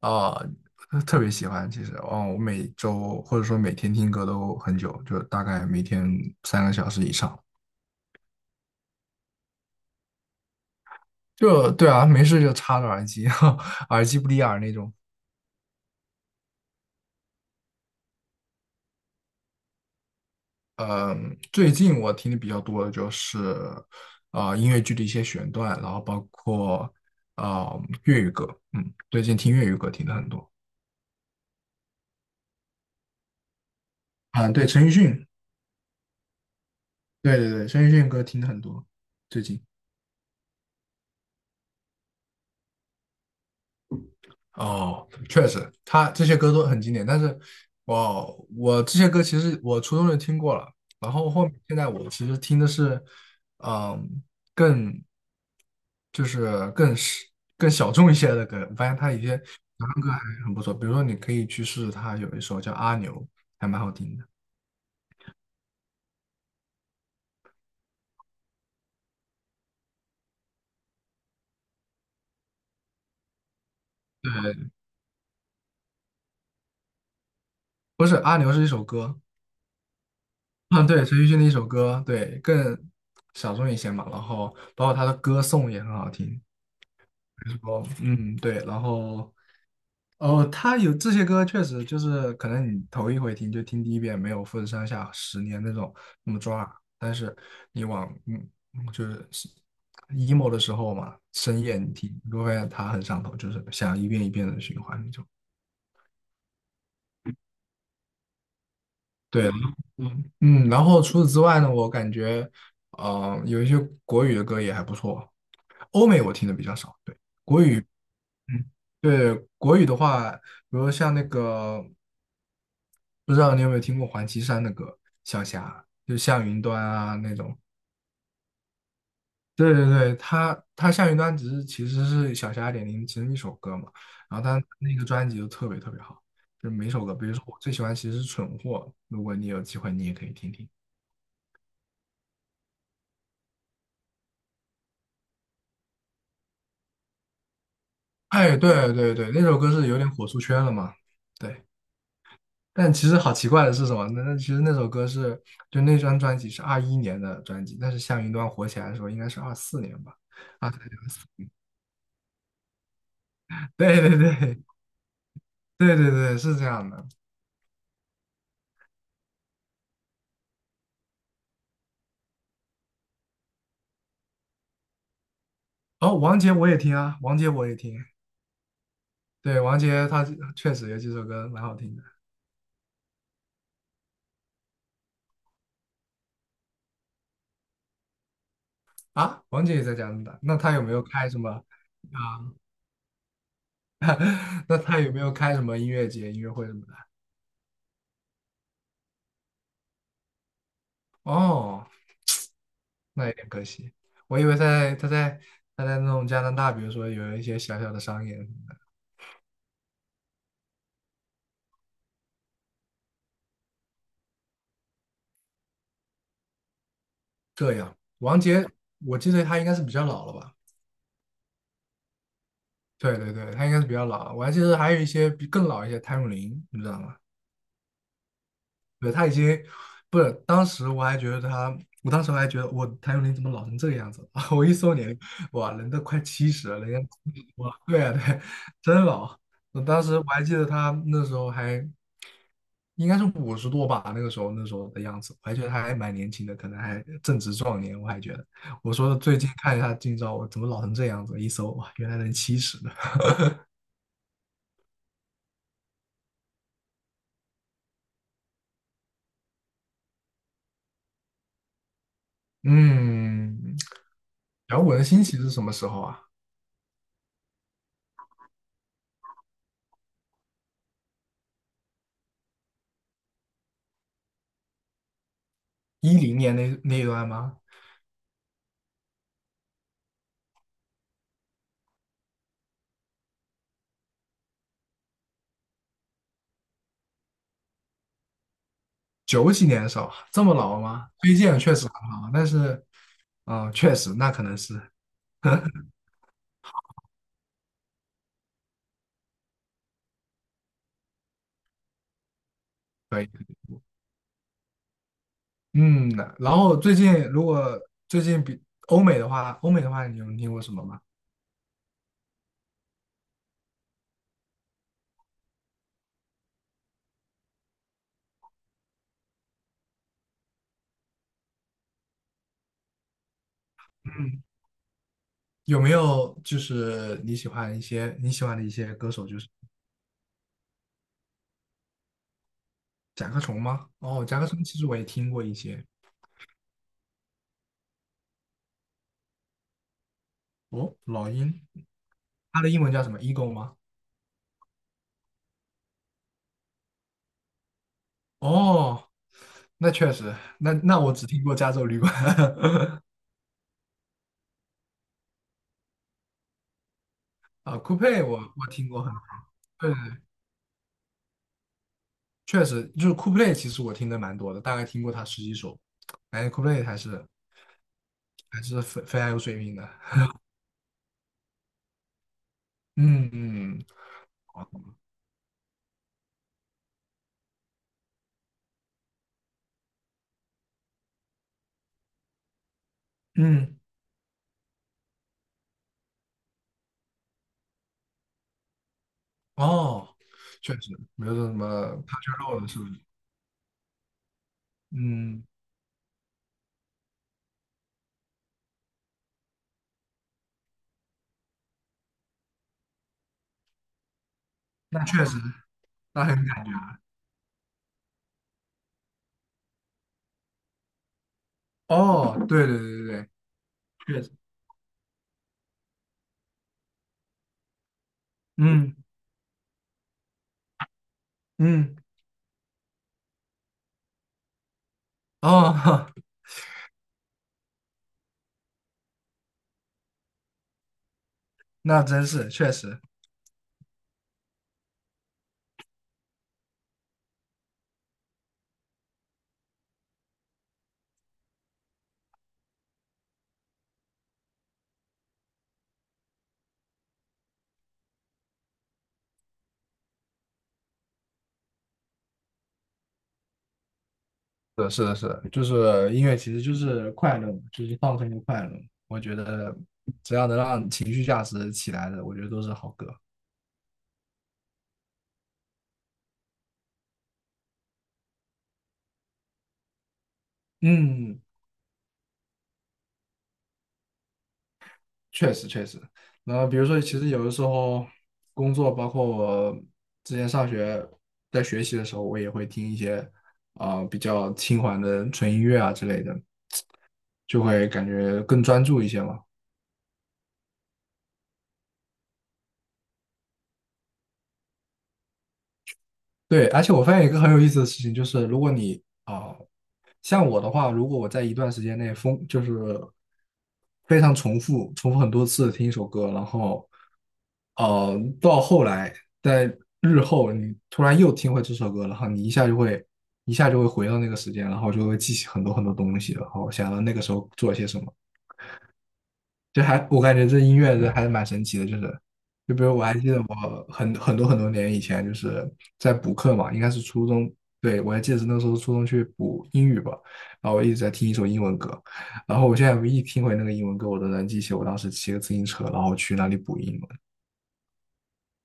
啊，特别喜欢。其实，哦，我每周或者说每天听歌都很久，就大概每天3个小时以上。就对啊，没事就插着耳机，耳机不离耳那种。嗯，最近我听的比较多的就是音乐剧的一些选段，然后包括粤语歌。嗯，最近听粤语歌听的很多。啊，对，陈奕迅，对对对，陈奕迅歌听的很多，最近。哦，确实，他这些歌都很经典，但是我这些歌其实我初中就听过了，然后后面现在我其实听的是，嗯，更就是更是更小众一些的歌，我发现他一些原唱歌还很不错，比如说你可以去试试他有一首叫《阿牛》，还蛮好听的，不是《阿牛》是一首歌，嗯，对，陈奕迅的一首歌，对，更小众一些嘛，然后包括他的歌颂也很好听，比如说嗯对，然后。哦，他有这些歌，确实就是可能你头一回听就听第一遍，没有富士山下10年那种那么抓，但是你往就是 emo 的时候嘛，深夜你听，你会发现它很上头，就是想一遍一遍的循环那种。对，嗯嗯，然后除此之外呢，我感觉有一些国语的歌也还不错，欧美我听的比较少，对。嗯，对，国语的话，比如像那个不知道你有没有听过黄绮珊的歌《小霞》，就向云端啊那种。对对对，他向云端只是其实是小霞2.0其中一首歌嘛，然后他那个专辑就特别特别好，就每首歌，比如说我最喜欢其实是《蠢货》，如果你有机会你也可以听听。哎，对对对，那首歌是有点火出圈了嘛，对。但其实好奇怪的是什么？那其实那首歌是就那张专辑是21年的专辑，但是向云端火起来的时候应该是24年吧，23年。对对对，对对对，是这样的。哦，王杰我也听啊，王杰我也听。对，王杰他确实有几首歌蛮好听的啊。王杰也在加拿大，那他有没有开什么啊？那他有没有开什么音乐节、音乐会什么的？哦，那有点可惜。我以为在他在他在那种加拿大，比如说有一些小小的商演什么的。这样，王杰，我记得他应该是比较老了吧？对对对，他应该是比较老了。我还记得还有一些比更老一些，谭咏麟，你知道吗？对，他已经不是，当时我还觉得他，我当时还觉得我谭咏麟怎么老成这个样子啊？我一搜年龄，哇，人都快七十了，人家哇，对啊，对，真老。我当时还记得他那时候还应该是50多吧，那个时候那时候的样子，我还觉得他还蛮年轻的，可能还正值壮年。我还觉得，我说最近看一下近照，我怎么老成这样子？一搜哇，原来人七十的。嗯，摇滚的兴起是什么时候啊？10年那一段吗？九几年的时候，这么老吗？推荐确实很好，但是，确实那可能是可以。嗯，然后最近如果最近比欧美的话，欧美的话，你有听过什么吗？有没有就是你喜欢的一些歌手，就是甲壳虫吗？哦，甲壳虫其实我也听过一些。哦，老鹰，它的英文叫什么？Eagle 吗？哦，那确实，那我只听过加州旅馆 啊，酷配我听过很多。确实，就是 Colplay 其实我听的蛮多的，大概听过他十几首。感觉 Oldplay 还是非常有水平的。嗯嗯嗯，哦，确实，没有说什么他 o 肉了是不是？嗯，那确实，那很感哦，对对对对对，确实。嗯嗯，哦，那真是确实。是的，是的，是的就是音乐其实就是快乐嘛，就是放松和快乐。我觉得只要能让情绪价值起来的，我觉得都是好歌。嗯。确实确实，那比如说，其实有的时候工作，包括我之前上学在学习的时候，我也会听一些比较轻缓的纯音乐啊之类的，就会感觉更专注一些嘛。对，而且我发现一个很有意思的事情，就是如果你啊、像我的话，如果我在一段时间内疯，就是非常重复、重复很多次地听一首歌，然后到后来在日后你突然又听回这首歌，然后你一下就会一下就会回到那个时间，然后就会记起很多很多东西，然后想到那个时候做了些什么。就还我感觉这音乐还是蛮神奇的，就是就比如我还记得我很多很多年以前就是在补课嘛，应该是初中，对，我还记得是那时候初中去补英语吧，然后我一直在听一首英文歌，然后我现在一听回那个英文歌，我都能记起我当时骑个自行车，然后去那里补英文，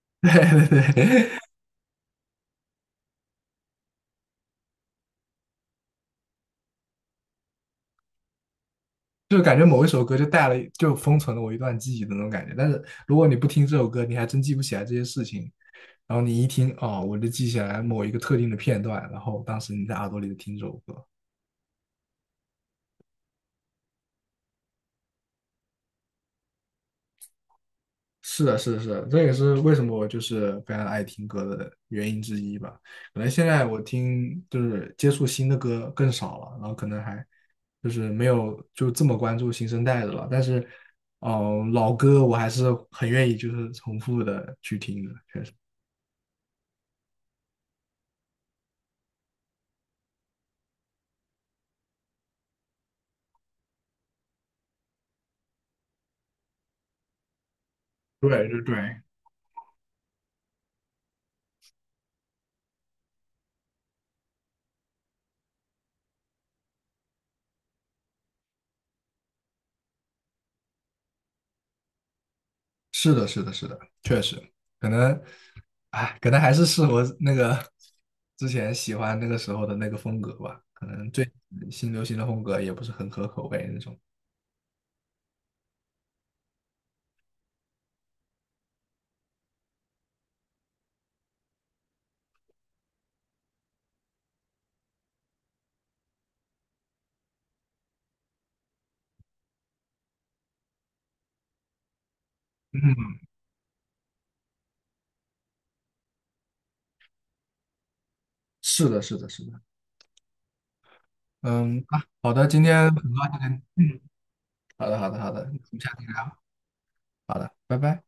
对对对，就感觉某一首歌就封存了我一段记忆的那种感觉，但是如果你不听这首歌，你还真记不起来这些事情。然后你一听，哦，我就记起来某一个特定的片段，然后当时你在耳朵里就听这首歌。是的，是的，是的，这也是为什么我就是非常爱听歌的原因之一吧。可能现在我听就是接触新的歌更少了，然后可能还就是没有就这么关注新生代的了。但是，老歌我还是很愿意就是重复的去听的。对对对，是的，是的，是的，确实，可能，哎，可能还是适合那个之前喜欢那个时候的那个风格吧。可能最新流行的风格也不是很合口味那种。嗯，是的，是的，是的。嗯啊，好的，今天很高兴。好的，好的，好的，我们下次再聊，拜拜。